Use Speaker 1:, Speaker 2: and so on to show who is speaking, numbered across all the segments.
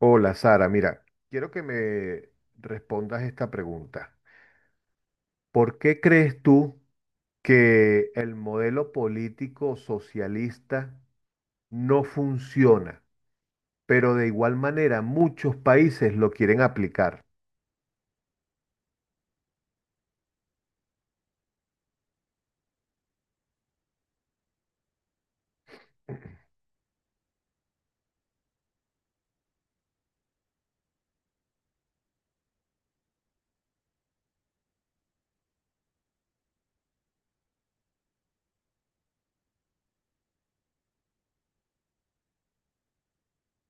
Speaker 1: Hola Sara, mira, quiero que me respondas esta pregunta. ¿Por qué crees tú que el modelo político socialista no funciona, pero de igual manera muchos países lo quieren aplicar?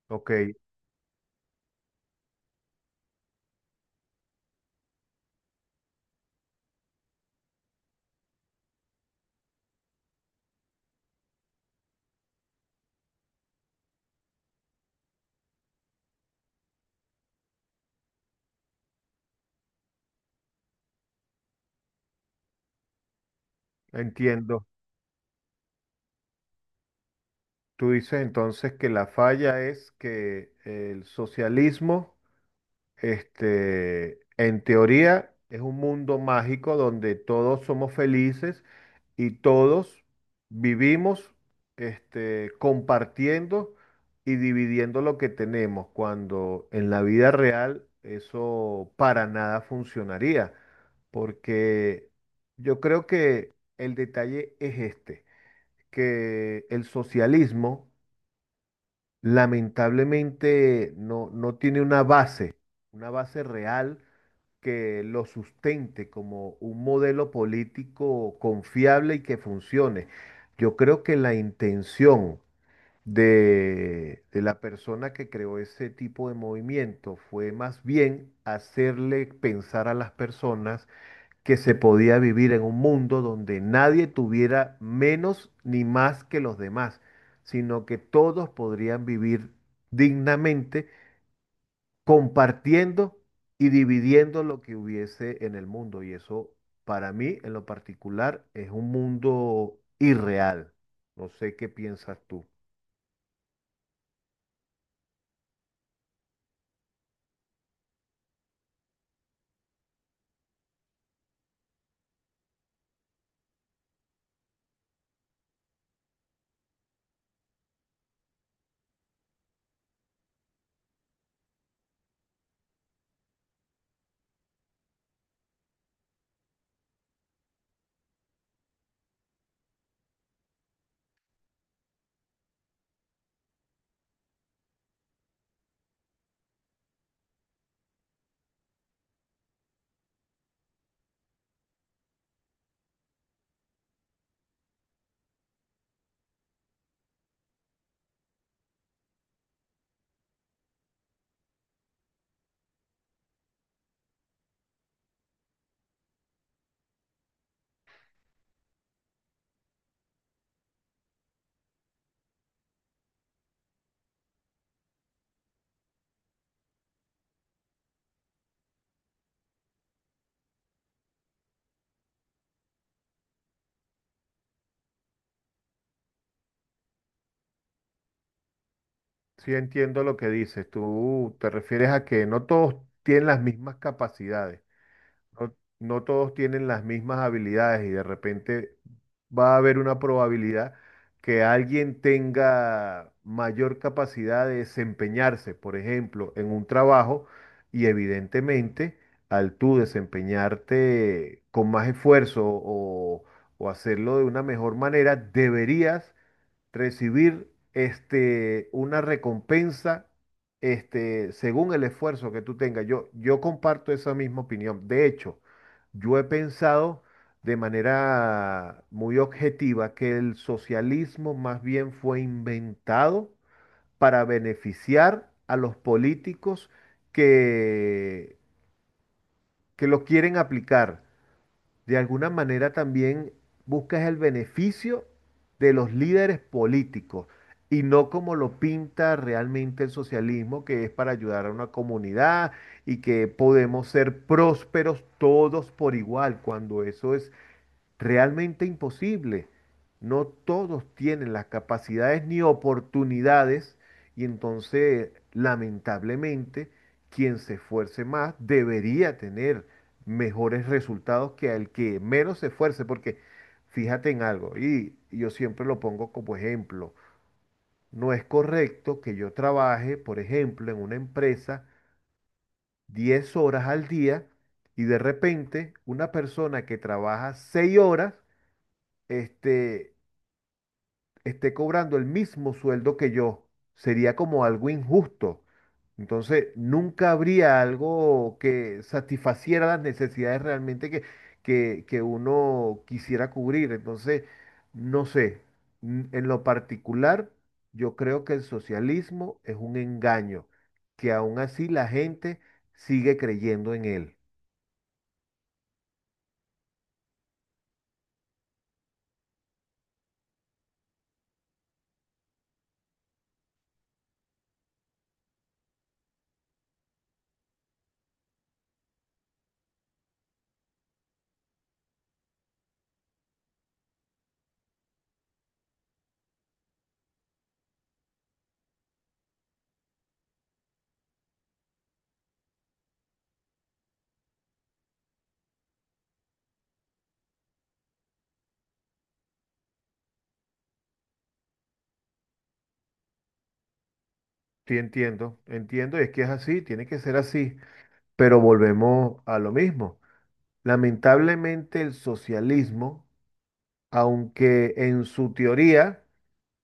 Speaker 1: Ok, entiendo. Tú dices entonces que la falla es que el socialismo en teoría, es un mundo mágico donde todos somos felices y todos vivimos, compartiendo y dividiendo lo que tenemos, cuando en la vida real eso para nada funcionaría, porque yo creo que el detalle es este, que el socialismo lamentablemente no tiene una base real que lo sustente como un modelo político confiable y que funcione. Yo creo que la intención de la persona que creó ese tipo de movimiento fue más bien hacerle pensar a las personas que se podía vivir en un mundo donde nadie tuviera menos ni más que los demás, sino que todos podrían vivir dignamente compartiendo y dividiendo lo que hubiese en el mundo. Y eso para mí en lo particular es un mundo irreal. No sé qué piensas tú. Sí, entiendo lo que dices. Tú te refieres a que no todos tienen las mismas capacidades. No todos tienen las mismas habilidades y de repente va a haber una probabilidad que alguien tenga mayor capacidad de desempeñarse, por ejemplo, en un trabajo y evidentemente al tú desempeñarte con más esfuerzo o hacerlo de una mejor manera, deberías recibir este, una recompensa este, según el esfuerzo que tú tengas. Yo comparto esa misma opinión. De hecho, yo he pensado de manera muy objetiva que el socialismo más bien fue inventado para beneficiar a los políticos que, que lo quieren aplicar de alguna manera también buscas el beneficio de los líderes políticos y no como lo pinta realmente el socialismo, que es para ayudar a una comunidad y que podemos ser prósperos todos por igual, cuando eso es realmente imposible. No todos tienen las capacidades ni oportunidades y entonces, lamentablemente, quien se esfuerce más debería tener mejores resultados que el que menos se esfuerce, porque fíjate en algo, y yo siempre lo pongo como ejemplo, no es correcto que yo trabaje, por ejemplo, en una empresa 10 horas al día y de repente una persona que trabaja 6 horas, este, esté cobrando el mismo sueldo que yo, sería como algo injusto. Entonces, nunca habría algo que satisfaciera las necesidades realmente que uno quisiera cubrir. Entonces, no sé, en lo particular, yo creo que el socialismo es un engaño, que aún así la gente sigue creyendo en él. Sí, entiendo, y es que es así, tiene que ser así. Pero volvemos a lo mismo. Lamentablemente el socialismo, aunque en su teoría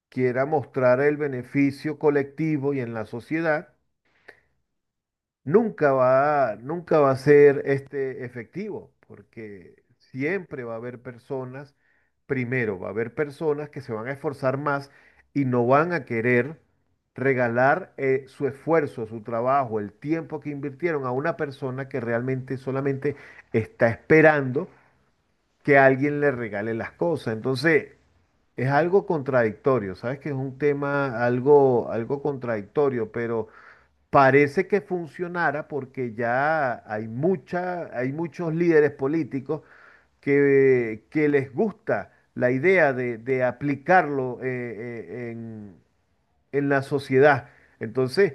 Speaker 1: quiera mostrar el beneficio colectivo y en la sociedad, nunca va a ser este efectivo, porque siempre va a haber personas, primero, va a haber personas que se van a esforzar más y no van a querer regalar su esfuerzo, su trabajo, el tiempo que invirtieron a una persona que realmente solamente está esperando que alguien le regale las cosas. Entonces, es algo contradictorio, ¿sabes? Que es un tema algo contradictorio, pero parece que funcionara porque hay muchos líderes políticos que les gusta la idea de aplicarlo en la sociedad. Entonces,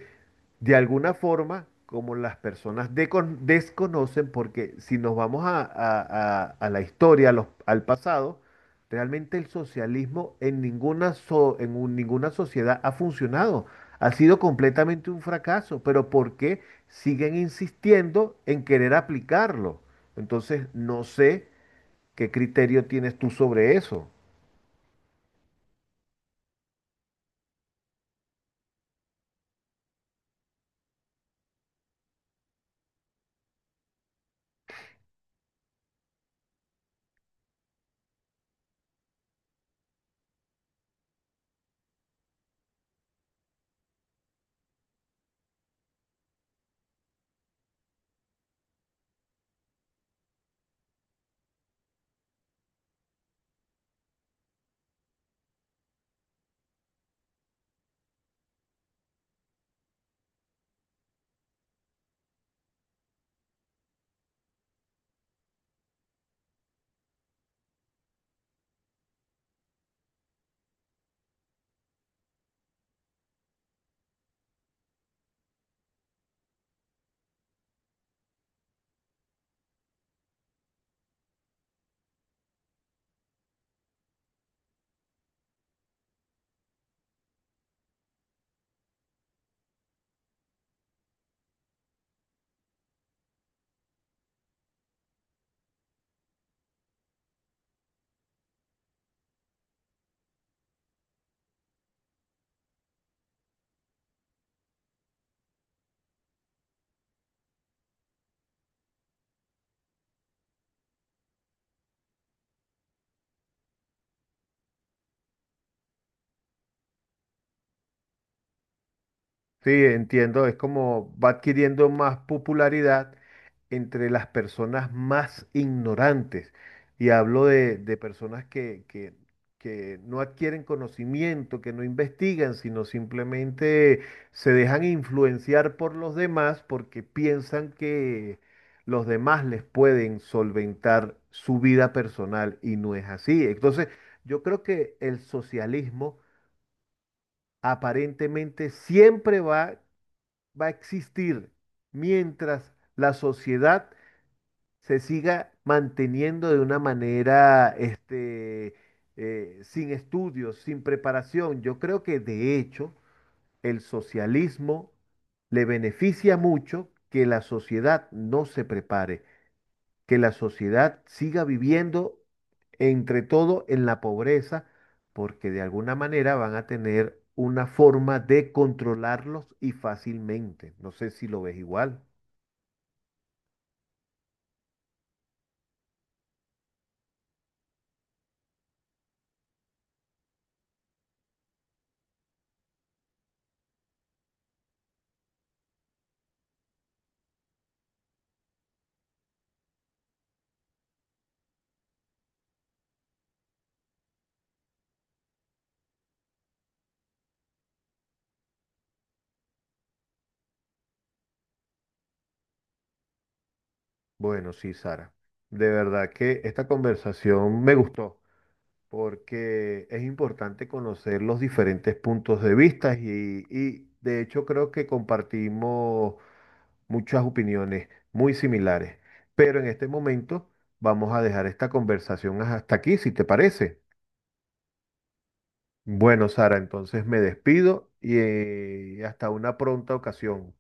Speaker 1: de alguna forma, como las personas desconocen, porque si nos vamos a la historia, al pasado, realmente el socialismo ninguna sociedad ha funcionado. Ha sido completamente un fracaso, pero ¿por qué siguen insistiendo en querer aplicarlo? Entonces, no sé qué criterio tienes tú sobre eso. Sí, entiendo, es como va adquiriendo más popularidad entre las personas más ignorantes. Y hablo de personas que no adquieren conocimiento, que no investigan, sino simplemente se dejan influenciar por los demás porque piensan que los demás les pueden solventar su vida personal y no es así. Entonces, yo creo que el socialismo aparentemente siempre va a existir mientras la sociedad se siga manteniendo de una manera, sin estudios, sin preparación. Yo creo que de hecho el socialismo le beneficia mucho que la sociedad no se prepare, que la sociedad siga viviendo entre todo en la pobreza, porque de alguna manera van a tener una forma de controlarlos y fácilmente. No sé si lo ves igual. Bueno, sí, Sara. De verdad que esta conversación me gustó porque es importante conocer los diferentes puntos de vista y de hecho creo que compartimos muchas opiniones muy similares. Pero en este momento vamos a dejar esta conversación hasta aquí, si te parece. Bueno, Sara, entonces me despido y hasta una pronta ocasión.